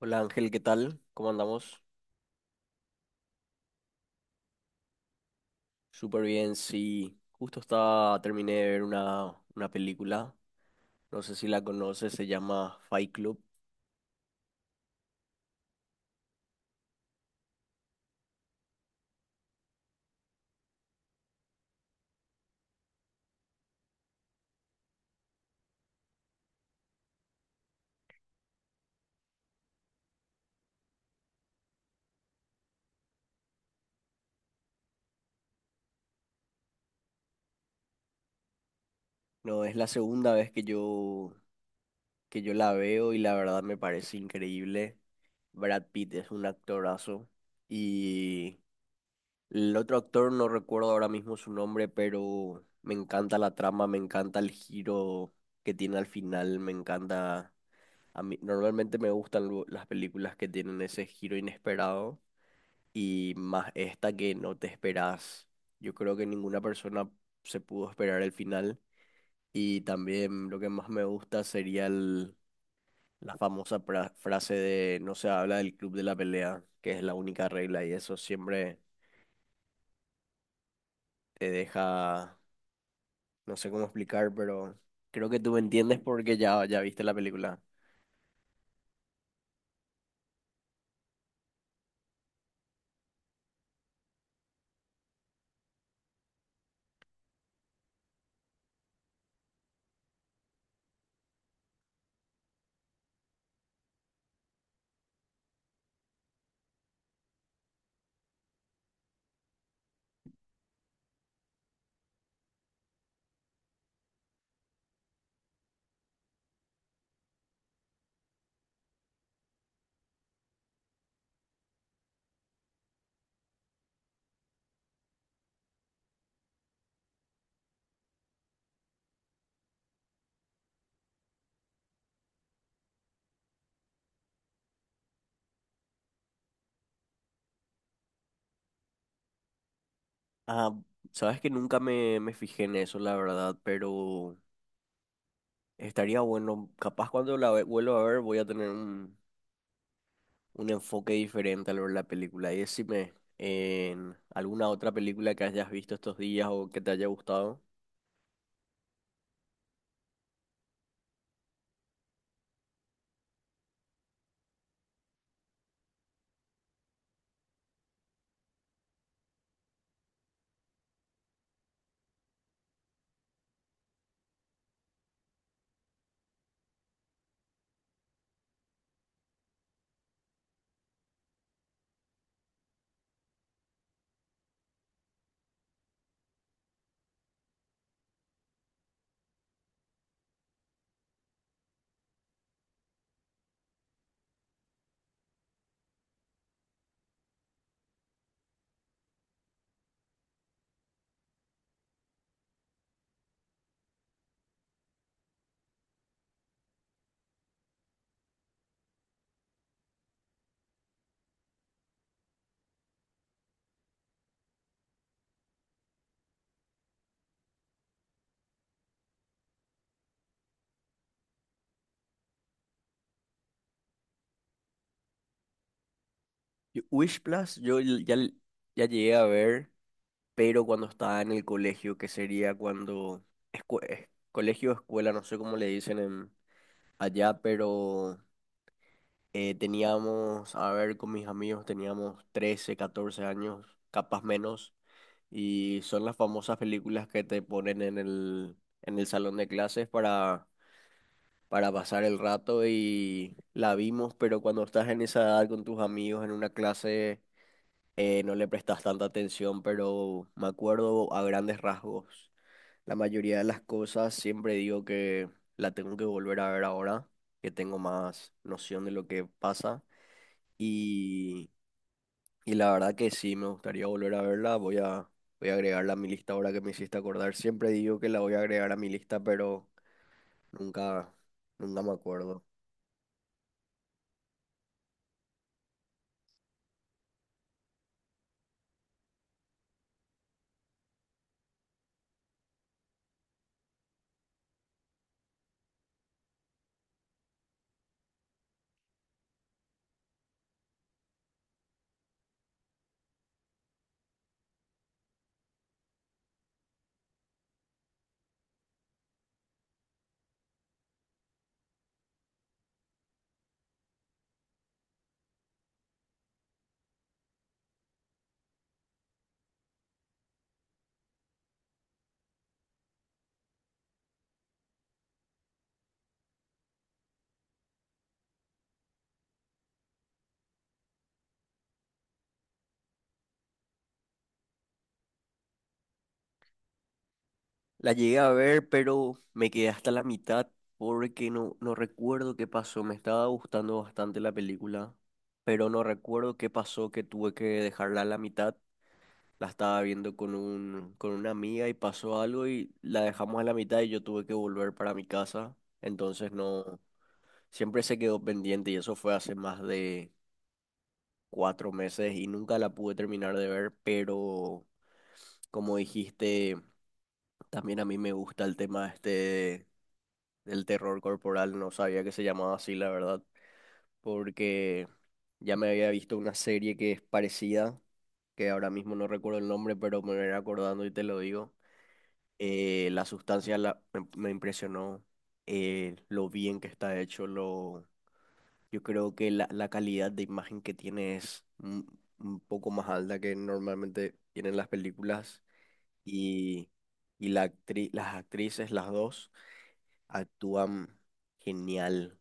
Hola Ángel, ¿qué tal? ¿Cómo andamos? Súper bien, sí. Justo estaba, terminé de ver una película, no sé si la conoces, se llama Fight Club. No, es la segunda vez que yo la veo y la verdad me parece increíble. Brad Pitt es un actorazo y el otro actor no recuerdo ahora mismo su nombre, pero me encanta la trama, me encanta el giro que tiene al final, me encanta. A mí normalmente me gustan las películas que tienen ese giro inesperado y más esta que no te esperas. Yo creo que ninguna persona se pudo esperar el final y también lo que más me gusta sería la famosa frase de no se habla del club de la pelea, que es la única regla y eso siempre te deja, no sé cómo explicar, pero creo que tú me entiendes porque ya viste la película. Ah, sabes que nunca me fijé en eso, la verdad, pero... Estaría bueno, capaz cuando la vuelva a ver voy a tener un enfoque diferente al ver la película. Y decime, en alguna otra película que hayas visto estos días o que te haya gustado. Wish Plus, yo l- ya llegué a ver, pero cuando estaba en el colegio, que sería cuando... colegio o escuela, no sé cómo le dicen en, allá, pero teníamos, a ver, con mis amigos teníamos 13 o 14 años, capaz menos. Y son las famosas películas que te ponen en en el salón de clases para pasar el rato y la vimos, pero cuando estás en esa edad con tus amigos en una clase no le prestas tanta atención, pero me acuerdo a grandes rasgos. La mayoría de las cosas siempre digo que la tengo que volver a ver ahora, que tengo más noción de lo que pasa. Y la verdad que sí, me gustaría volver a verla. Voy a agregarla a mi lista ahora que me hiciste acordar. Siempre digo que la voy a agregar a mi lista, pero nunca, nunca me acuerdo. La llegué a ver, pero me quedé hasta la mitad porque no recuerdo qué pasó. Me estaba gustando bastante la película, pero no recuerdo qué pasó que tuve que dejarla a la mitad. La estaba viendo con con una amiga y pasó algo y la dejamos a la mitad y yo tuve que volver para mi casa. Entonces no. Siempre se quedó pendiente y eso fue hace más de 4 meses y nunca la pude terminar de ver, pero como dijiste, también a mí me gusta el tema este del terror corporal, no sabía que se llamaba así, la verdad, porque ya me había visto una serie que es parecida, que ahora mismo no recuerdo el nombre, pero me voy acordando y te lo digo. La sustancia me impresionó, lo bien que está hecho, lo. Yo creo que la calidad de imagen que tiene es un poco más alta que normalmente tienen las películas y, y las actrices, las dos, actúan genial.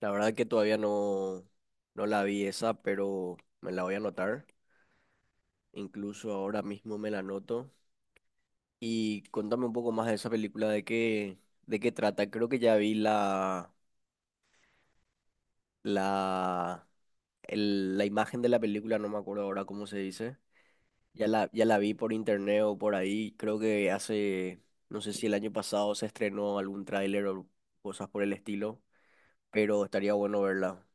La verdad que todavía no, no la vi esa, pero me la voy a anotar. Incluso ahora mismo me la anoto. Y contame un poco más de esa película, de qué trata. Creo que ya vi la, la imagen de la película, no me acuerdo ahora cómo se dice. Ya la vi por internet o por ahí. Creo que hace, no sé si el año pasado se estrenó algún tráiler o cosas por el estilo, pero estaría bueno verla.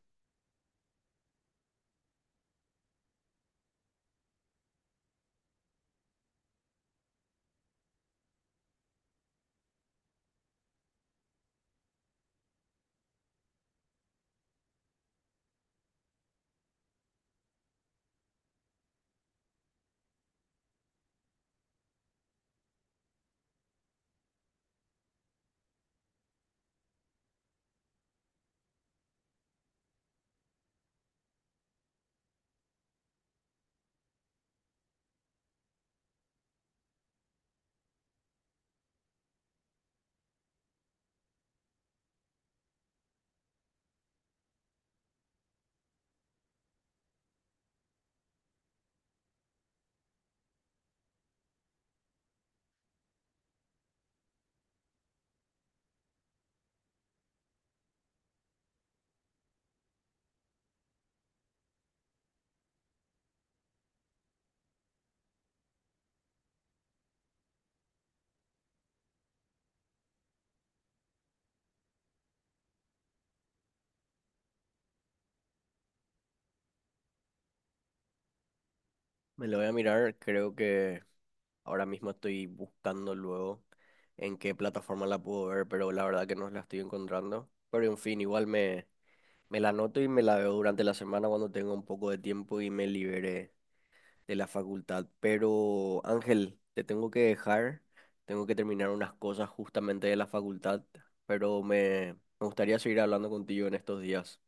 Me la voy a mirar, creo que ahora mismo estoy buscando luego en qué plataforma la puedo ver, pero la verdad que no la estoy encontrando. Pero en fin, me la anoto y me la veo durante la semana cuando tenga un poco de tiempo y me libere de la facultad. Pero Ángel, te tengo que dejar. Tengo que terminar unas cosas justamente de la facultad. Pero me, me gustaría seguir hablando contigo en estos días.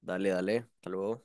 Dale, dale. Hasta luego.